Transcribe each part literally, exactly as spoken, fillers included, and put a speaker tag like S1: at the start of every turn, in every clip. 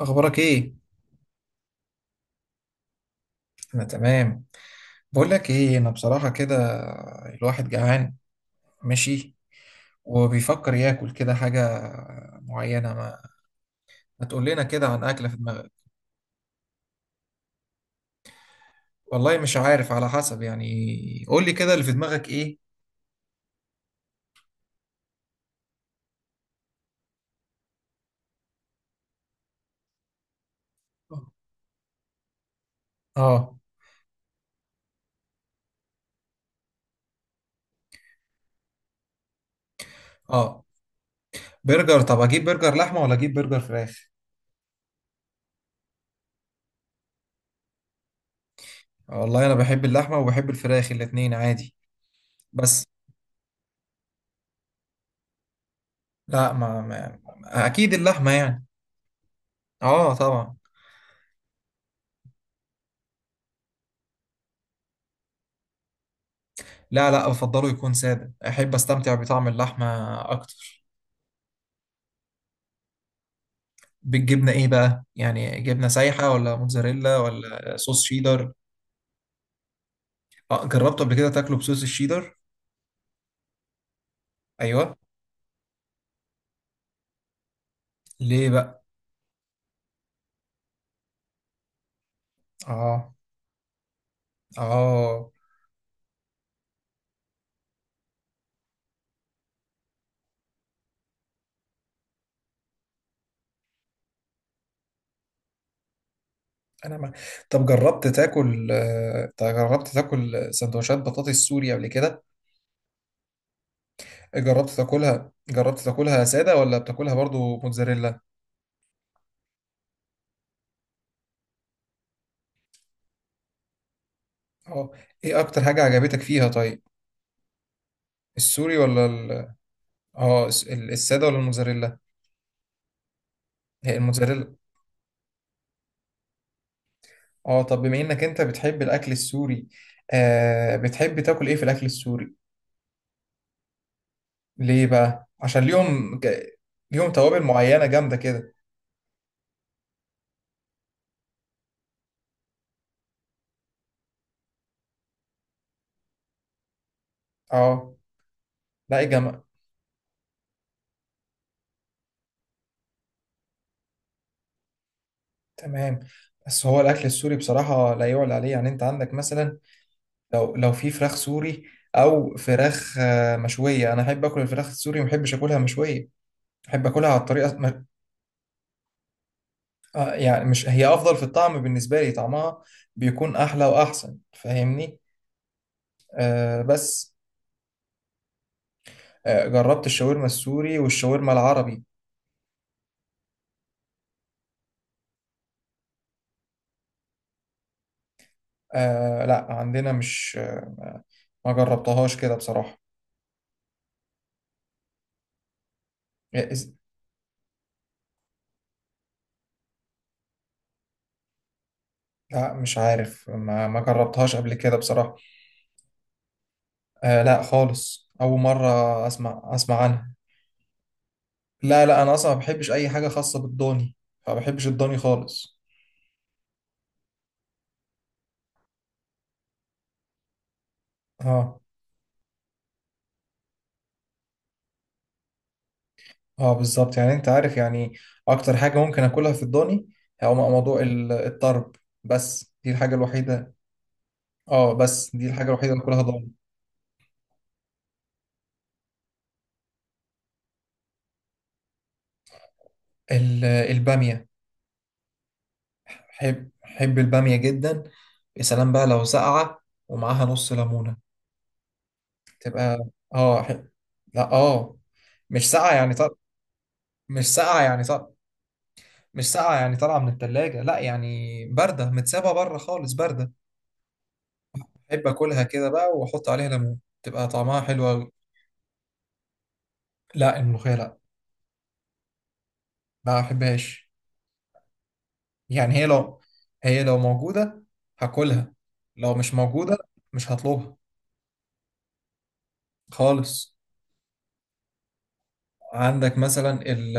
S1: اخبارك ايه؟ انا تمام. بقول لك ايه، انا بصراحه كده الواحد جعان ماشي وبيفكر ياكل كده حاجه معينه. ما ما تقول لنا كده عن اكله في دماغك. والله مش عارف، على حسب يعني. قول لي كده اللي في دماغك ايه. اه اه برجر. طب اجيب برجر لحمه ولا اجيب برجر فراخ؟ والله انا بحب اللحمه وبحب الفراخ، الاتنين عادي. بس لا ما, ما ما- اكيد اللحمه يعني. اه طبعا. لا لا بفضله يكون سادة، أحب أستمتع بطعم اللحمة أكتر. بالجبنة إيه بقى؟ يعني جبنة سايحة ولا موتزاريلا ولا صوص شيدر؟ آه، جربته قبل كده تاكله بصوص الشيدر؟ أيوه. ليه بقى؟ آه. آه. أنا ما... طب جربت تاكل آه، طب جربت تاكل سندوتشات بطاطس سوري قبل كده؟ جربت تاكلها، جربت تاكلها سادة ولا بتاكلها برضو موتزاريلا؟ آه. إيه أكتر حاجة عجبتك فيها طيب؟ السوري ولا ال... اه الس- السادة ولا الموتزاريلا؟ هي الموتزاريلا. اه، طب بما انك انت بتحب الاكل السوري، آه بتحب تاكل ايه في الاكل السوري؟ ليه بقى؟ عشان ليهم ج... ليهم توابل معينة جامدة كده. اه لا ايه جمع. تمام. بس هو الاكل السوري بصراحة لا يعلى عليه، يعني انت عندك مثلا لو لو في فراخ سوري او فراخ آه، مشوية، انا احب اكل الفراخ السوري، ما احبش اكلها مشوية. احب اكلها على الطريقة ما- آه، يعني مش هي افضل في الطعم، بالنسبة لي طعمها بيكون احلى واحسن، فاهمني؟ آه بس. آه، جربت الشاورما السوري والشاورما العربي. آه لا عندنا مش آه، ما جربتهاش كده بصراحة. إيه، إز- لا مش عارف، ما ما جربتهاش قبل كده بصراحة. آه لا خالص، أول مرة أسمع أسمع عنها. لا لا، أنا أصلا ما بحبش أي حاجة خاصة بالضاني. ما بحبش الضاني خالص. اه اه بالظبط، يعني أنت عارف يعني أكتر حاجة ممكن أكلها في الضاني هو موضوع ال- الطرب. بس دي الحاجة الوحيدة. اه بس دي الحاجة الوحيدة اللي أكلها ضاني. ال- البامية. حب حب البامية جدا. يا سلام بقى لو ساقعة ومعاها نص ليمونة تبقى. اه حب... لا اه، مش ساقعة يعني طر... مش ساقعة يعني طر... مش ساقعة يعني طالعة من التلاجة، لا يعني باردة متسابة بره خالص، باردة. أحب أكلها كده بقى وأحط عليها ليمون، تبقى طعمها حلو أوي. لا الملوخية لا، ما أحبهاش. يعني هي لو، هي لو موجودة هاكلها، لو مش موجودة مش هطلبها خالص. عندك مثلا ال-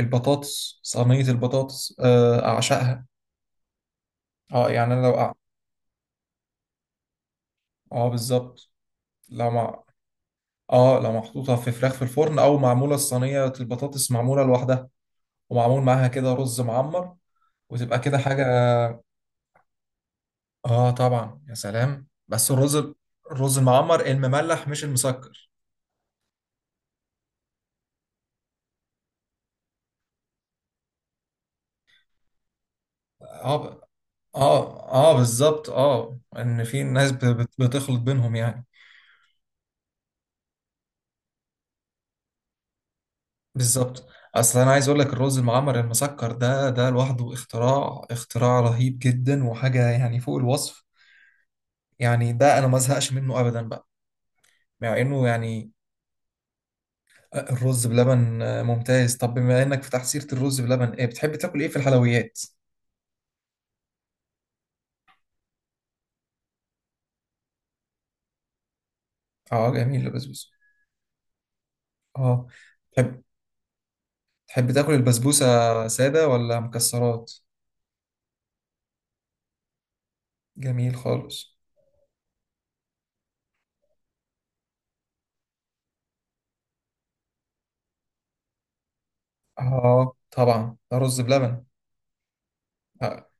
S1: البطاطس، صينية البطاطس آه، أعشقها. اه يعني أنا لو أع-. اه بالظبط. لو مع، اه لو محطوطة في فراخ في الفرن أو معمولة الصينية البطاطس معمولة لوحدها، ومعمول معاها كده رز معمر، وتبقى كده حاجة. اه طبعا، يا سلام بس الرز. الرز المعمر المملح مش المسكر. اه ب-، اه اه بالظبط، اه ان في ناس بت- بت- بتخلط بينهم يعني. بالظبط. اصل انا عايز اقول لك الرز المعمر المسكر ده، ده لوحده اختراع، اختراع رهيب جدا، وحاجه يعني فوق الوصف. يعني ده انا ما ازهقش منه ابدا بقى، مع انه يعني. الرز بلبن ممتاز. طب بما انك فتحت سيره الرز بلبن، ايه بتحب تاكل ايه في الحلويات؟ اه جميل البسبوسه. اه تحب، تحب تاكل البسبوسه ساده ولا مكسرات؟ جميل خالص. اه طبعا ده رز بلبن. آه.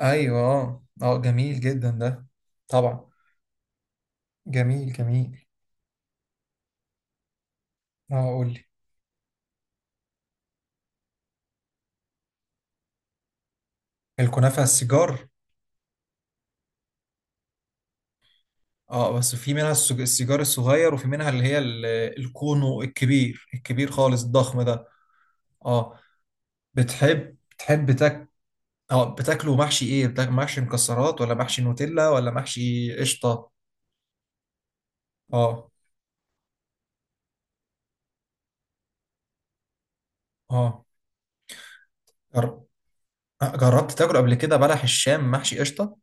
S1: ايوه اه آه، جميل جدا ده. طبعا. جميل جميل. اه قول لي. الكنافة السيجار. اه بس في منها السج- السيجار الصغير، وفي منها اللي هي ال- الكونو الكبير، الكبير خالص الضخم ده. اه بتحب، بتحب تاك، اه بتاكله محشي ايه؟ بتاك محشي مكسرات ولا محشي نوتيلا ولا محشي قشطة؟ اه. اه. جر... آه، جربت تاكل قبل كده بلح الشام محشي قشطة؟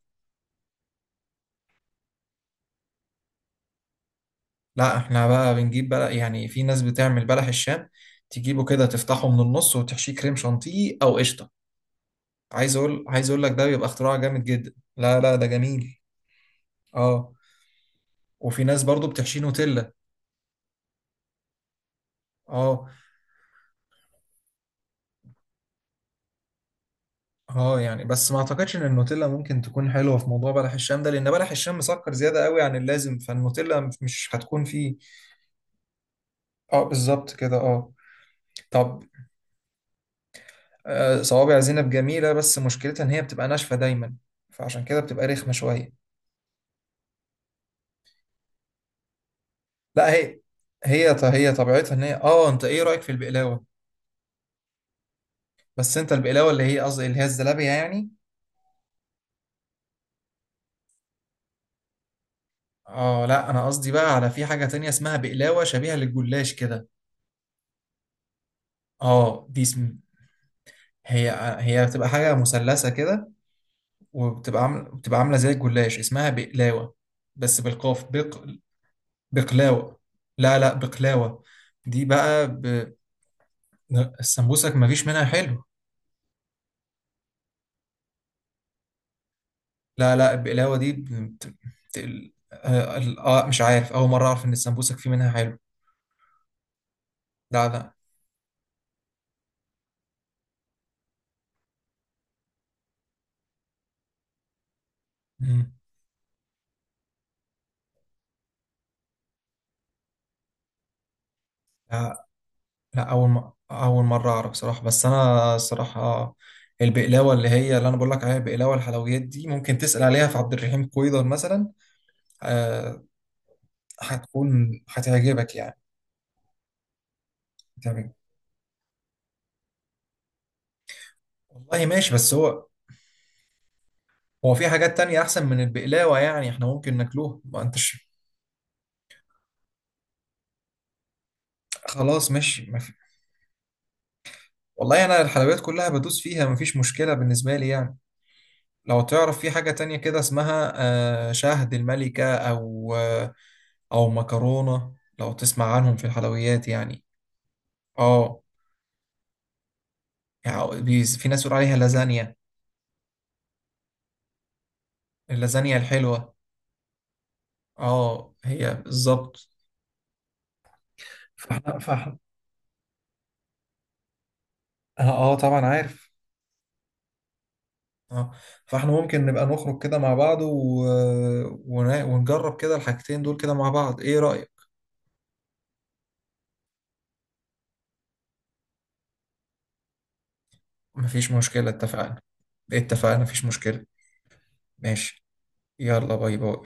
S1: لا احنا بقى بنجيب بلح، يعني في ناس بتعمل بلح الشام، تجيبه كده تفتحه من النص وتحشيه كريم شانتيه او قشطة. عايز اقول عايز اقول لك ده بيبقى اختراع جامد جدا. لا لا ده جميل. اه. وفي ناس برضو بتحشي نوتيلا. اه. اه يعني، بس ما اعتقدش ان النوتيلا ممكن تكون حلوه في موضوع بلح الشام ده، لان بلح الشام مسكر زياده قوي عن اللازم، فالنوتيلا مش مش هتكون فيه. اه بالظبط كده اه. طب آه، صوابع زينب جميله، بس مشكلتها ان هي بتبقى ناشفه دايما، فعشان كده بتبقى رخمه شويه. لا هي، هي هي طبيعتها ان هي اه. انت ايه رايك في البقلاوه؟ بس انت البقلاوه اللي هي قصدي اللي هي الزلابيه يعني. اه لا انا قصدي بقى على في حاجة تانية اسمها بقلاوة شبيهة للجلاش كده. اه دي اسم. هي، هي بتبقى حاجة مثلثة كده، وبتبقى عاملة، بتبقى عاملة زي الجلاش، اسمها بقلاوة، بس بالقاف. بق... بقلاوة. لا لا بقلاوة. دي بقى ب... السمبوسك مفيش منها حلو. لا لا البقلاوة دي بت... بت... ال- آه، آه، مش عارف، أول مرة أعرف إن السمبوسك فيه منها حلو. لا لا. مم. لا اول م... اول مره اعرف صراحه. بس انا صراحه البقلاوه اللي هي اللي انا بقول لك عليها، البقلاوه الحلويات دي ممكن تسال عليها في عبد الرحيم كويدر مثلا. آه هتكون، هتعجبك يعني. تمام. والله ماشي، بس هو، هو في حاجات تانية احسن من البقلاوه يعني احنا ممكن ناكلوها ما انتش. خلاص ماشي ما في... والله انا الحلويات كلها بدوس فيها، مفيش مشكله بالنسبه لي يعني. لو تعرف في حاجة تانية كده اسمها آه، شهد الملكة أو آه، أو مكرونة، لو تسمع عنهم في الحلويات يعني. اه يعني بي- في ناس بتقول عليها لازانيا. اللازانيا الحلوة. اه هي بالظبط. فاحنا فاحنا، اه آه، طبعا عارف. اه فاحنا ممكن نبقى نخرج كده مع بعض و... ون- ونجرب كده الحاجتين دول كده مع بعض، ايه رأيك؟ مفيش مشكلة، اتفقنا. إيه، اتفقنا مفيش مشكلة. ماشي، يلا باي باي.